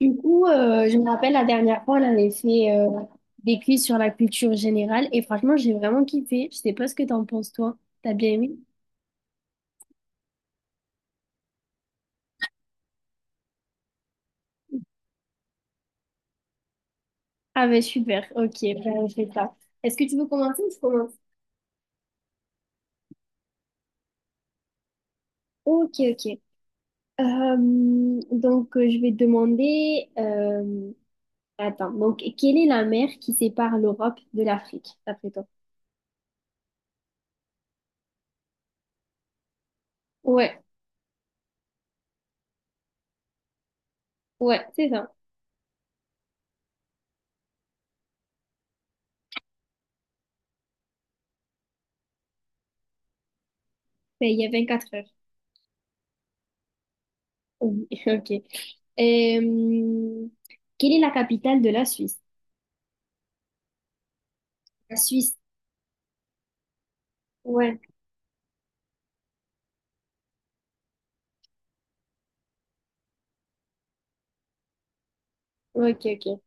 Je me rappelle la dernière fois, on avait fait des quiz sur la culture générale et franchement, j'ai vraiment kiffé. Je sais pas ce que t'en penses, toi. T'as bien aimé? Ah ben super, ok, ben, on fait ça. Est-ce que tu veux commencer ou je commence? Ok, ok. Je vais te demander... attends, donc, quelle est la mer qui sépare l'Europe de l'Afrique, d'après toi? Ouais, ouais, c'est ça. Ben, il y a quatre heures. Oui, ok. Euh, Quelle est la capitale de la Suisse? La Suisse. Ouais, ok, ok.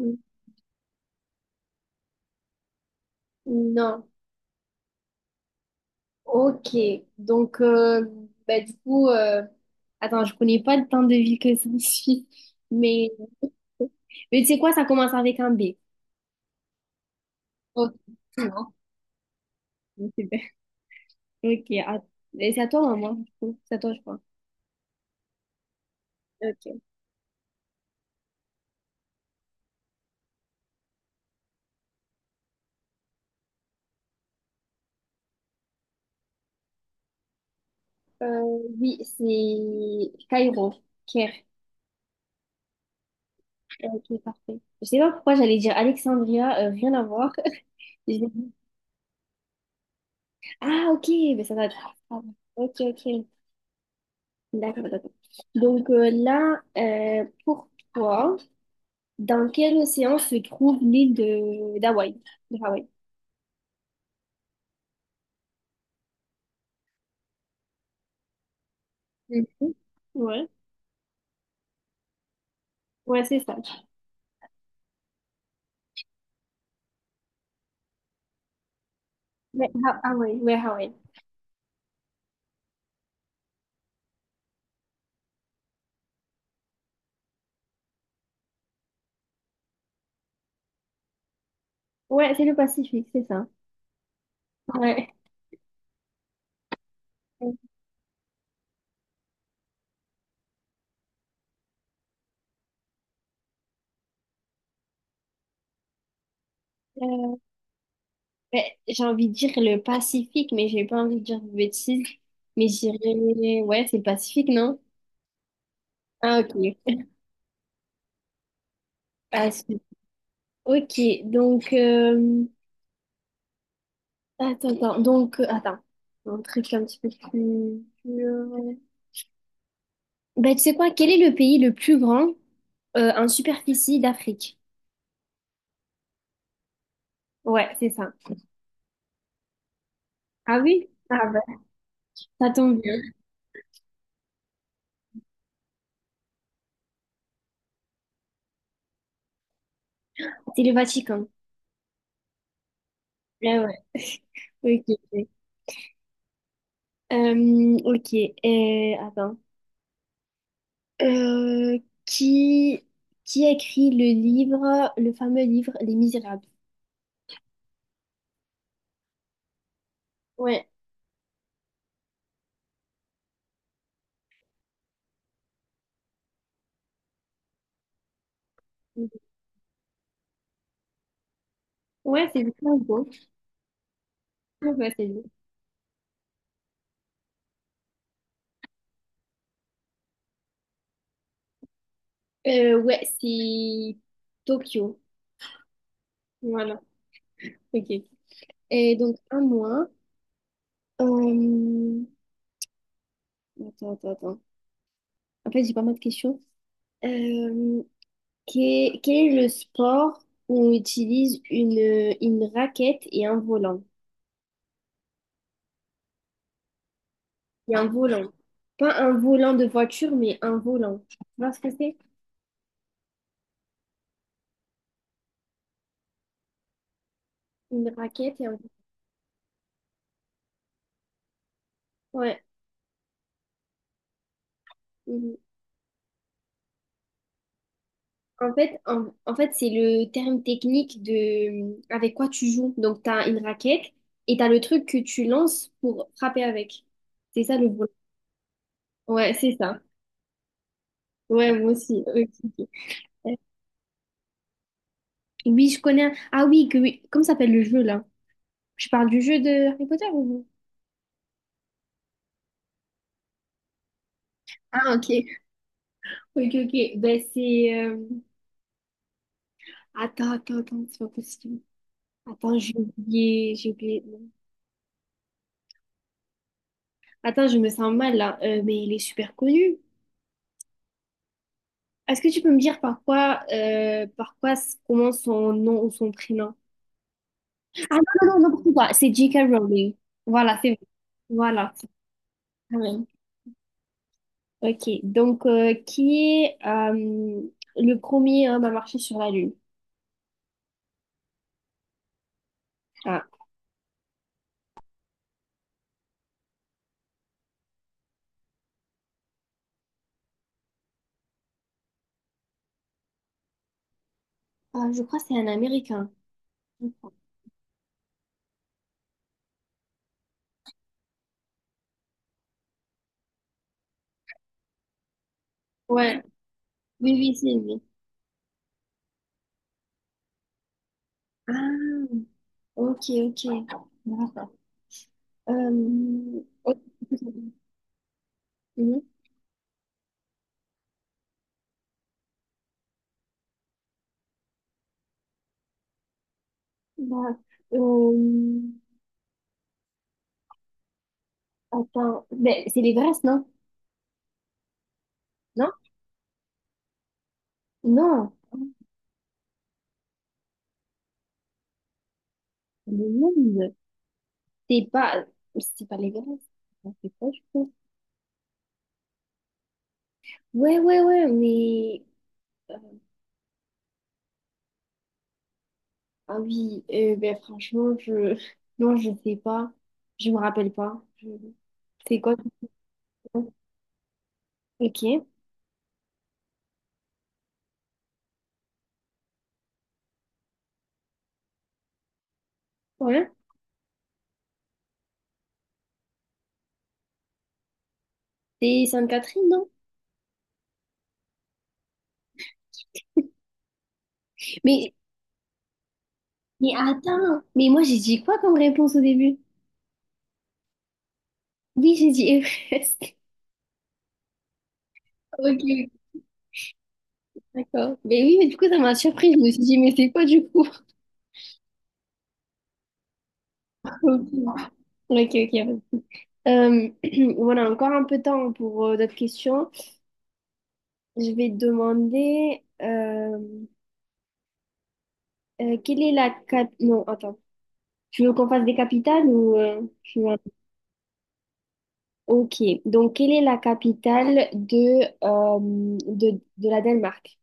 Mm. Non, ok. Donc, euh, bah, du coup, euh, Attends, je connais pas le temps de vie que ça suit, mais, mais tu sais quoi, ça commence avec un B. Ok, non, super. Ok, et c'est à toi ou à moi? Du coup c'est à toi, je crois. Ok. Euh, oui, c'est Cairo, Caire. Ok, parfait. Je sais pas pourquoi j'allais dire Alexandria, rien à voir. J'ai dit- Ah, ok, mais ça va être. Ok, ok. D'accord, d'accord. Pour toi, dans quel océan se trouve l'île de d'Hawaï? De Hawaï? Mhm. Ouais, ouais, c'est ça. Ouais, Hawaï, ouais, Hawaï. Ouais, c'est le Pacifique, c'est ça. Ouais. Euh, Ouais, j'ai envie de dire le Pacifique, mais j'ai pas envie de dire de bêtises. Mais j'irais, ouais, c'est le Pacifique, non? Ah, ok. Pacifique. Ok, donc, euh, attends, un truc un petit peu plus dur. Bah, tu sais quoi, quel est le pays le plus grand en superficie d'Afrique? Ouais, c'est ça. Ah oui? Ah bah, ça tombe bien. C'est le Vatican. Ah ouais, ok. Ok. Euh, ok, Attends. Euh, qui, qui a écrit le livre, le fameux livre Les Misérables? Ouais. Ouais, c'est bien beau. Ouais, ouais, c'est bien. Ouais, c'est Tokyo. Voilà, ok. Et donc, à moi. Euh, Attends, attends, attends. En fait, j'ai pas mal de questions. Euh, Quel est le sport où on utilise une raquette et un volant? Et un volant. Pas un volant de voiture, mais un volant. Tu vois ce que c'est? Une raquette et un ouais. Mhm. En fait, c'est le terme technique de avec quoi tu joues. Donc, tu as une raquette et tu as le truc que tu lances pour frapper avec. C'est ça le volant. Ouais, c'est ça. Ouais, moi aussi. Ok, ok. Oui, je connais. Ah oui, que oui. Comment s'appelle le jeu là? Je parle du jeu de Harry Potter ou? Ah ok. Ok, ok. Ben c'est. Attends, attends, attends, c'est pas possible. Attends, j'ai oublié. Non. Attends, je me sens mal là. Mais il est super connu. Est-ce que tu peux me dire par quoi commence son nom ou son prénom? Ah non, non, non, n'importe quoi. C'est J.K. Rowling. Voilà, c'est bon. Voilà, c'est quand même. Ok, qui est le premier homme à marcher sur la Lune? Ah, je crois que c'est un Américain. Ouais. Oui, oui, c'est lui. Ah, ok, ok. D'accord. Ok. Mhm. Bah, euh, attends, ben, c'est l'Everest, non? Non? Non, le monde. c'est pas, c'est pas l'Everest. Ah, c'est quoi, je crois? Ouais, ouais, ouais, mais, ah oui, ben, franchement, non, je sais pas, je me rappelle pas. Je- c'est quoi? Ok, ouais. C'est Sainte-Catherine, non? Mais, mais attends, mais moi j'ai dit quoi comme réponse au début? Oui, j'ai dit Everest. Ok, ok, d'accord. Mais oui, mais du coup, ça m'a surprise. Je me suis dit, mais c'est quoi du coup? Ok, ok. Ok. Euh, voilà, encore un peu de temps pour d'autres questions. Je vais te demander quelle est la cap... Non, attends. Tu veux qu'on fasse des capitales ou tu veux- Ok. Donc, quelle est la capitale de, de la Danemark?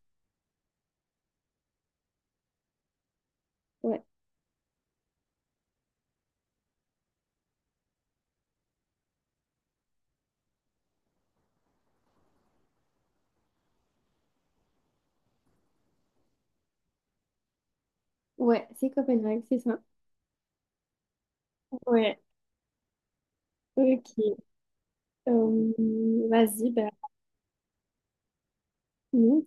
Ouais. Ouais, c'est Copenhague, c'est ça. Ouais, ok. Euh, Vas-y, bah, nous.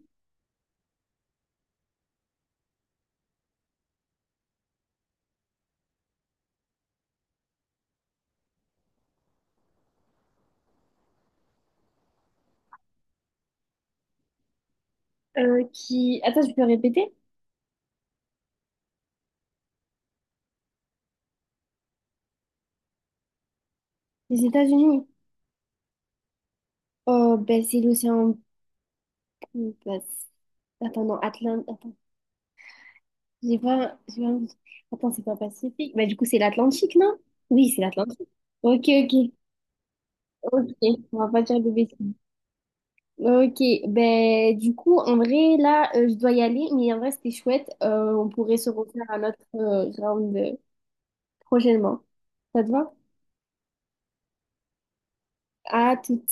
Qui... Attends, je peux répéter? Les États-Unis. Oh, ben, c'est l'océan... bah, attends, non, Atlantique... Attends, j'ai pas- attends, c'est pas Pacifique. Bah, du coup, c'est l'Atlantique, non? Oui, c'est l'Atlantique. Ok, ok. Ok, on va pas dire de bêtises. Ok, ben du coup, en vrai, là, je dois y aller, mais en vrai, c'était chouette. On pourrait se refaire à notre round. Prochainement. Ça te va? À tout.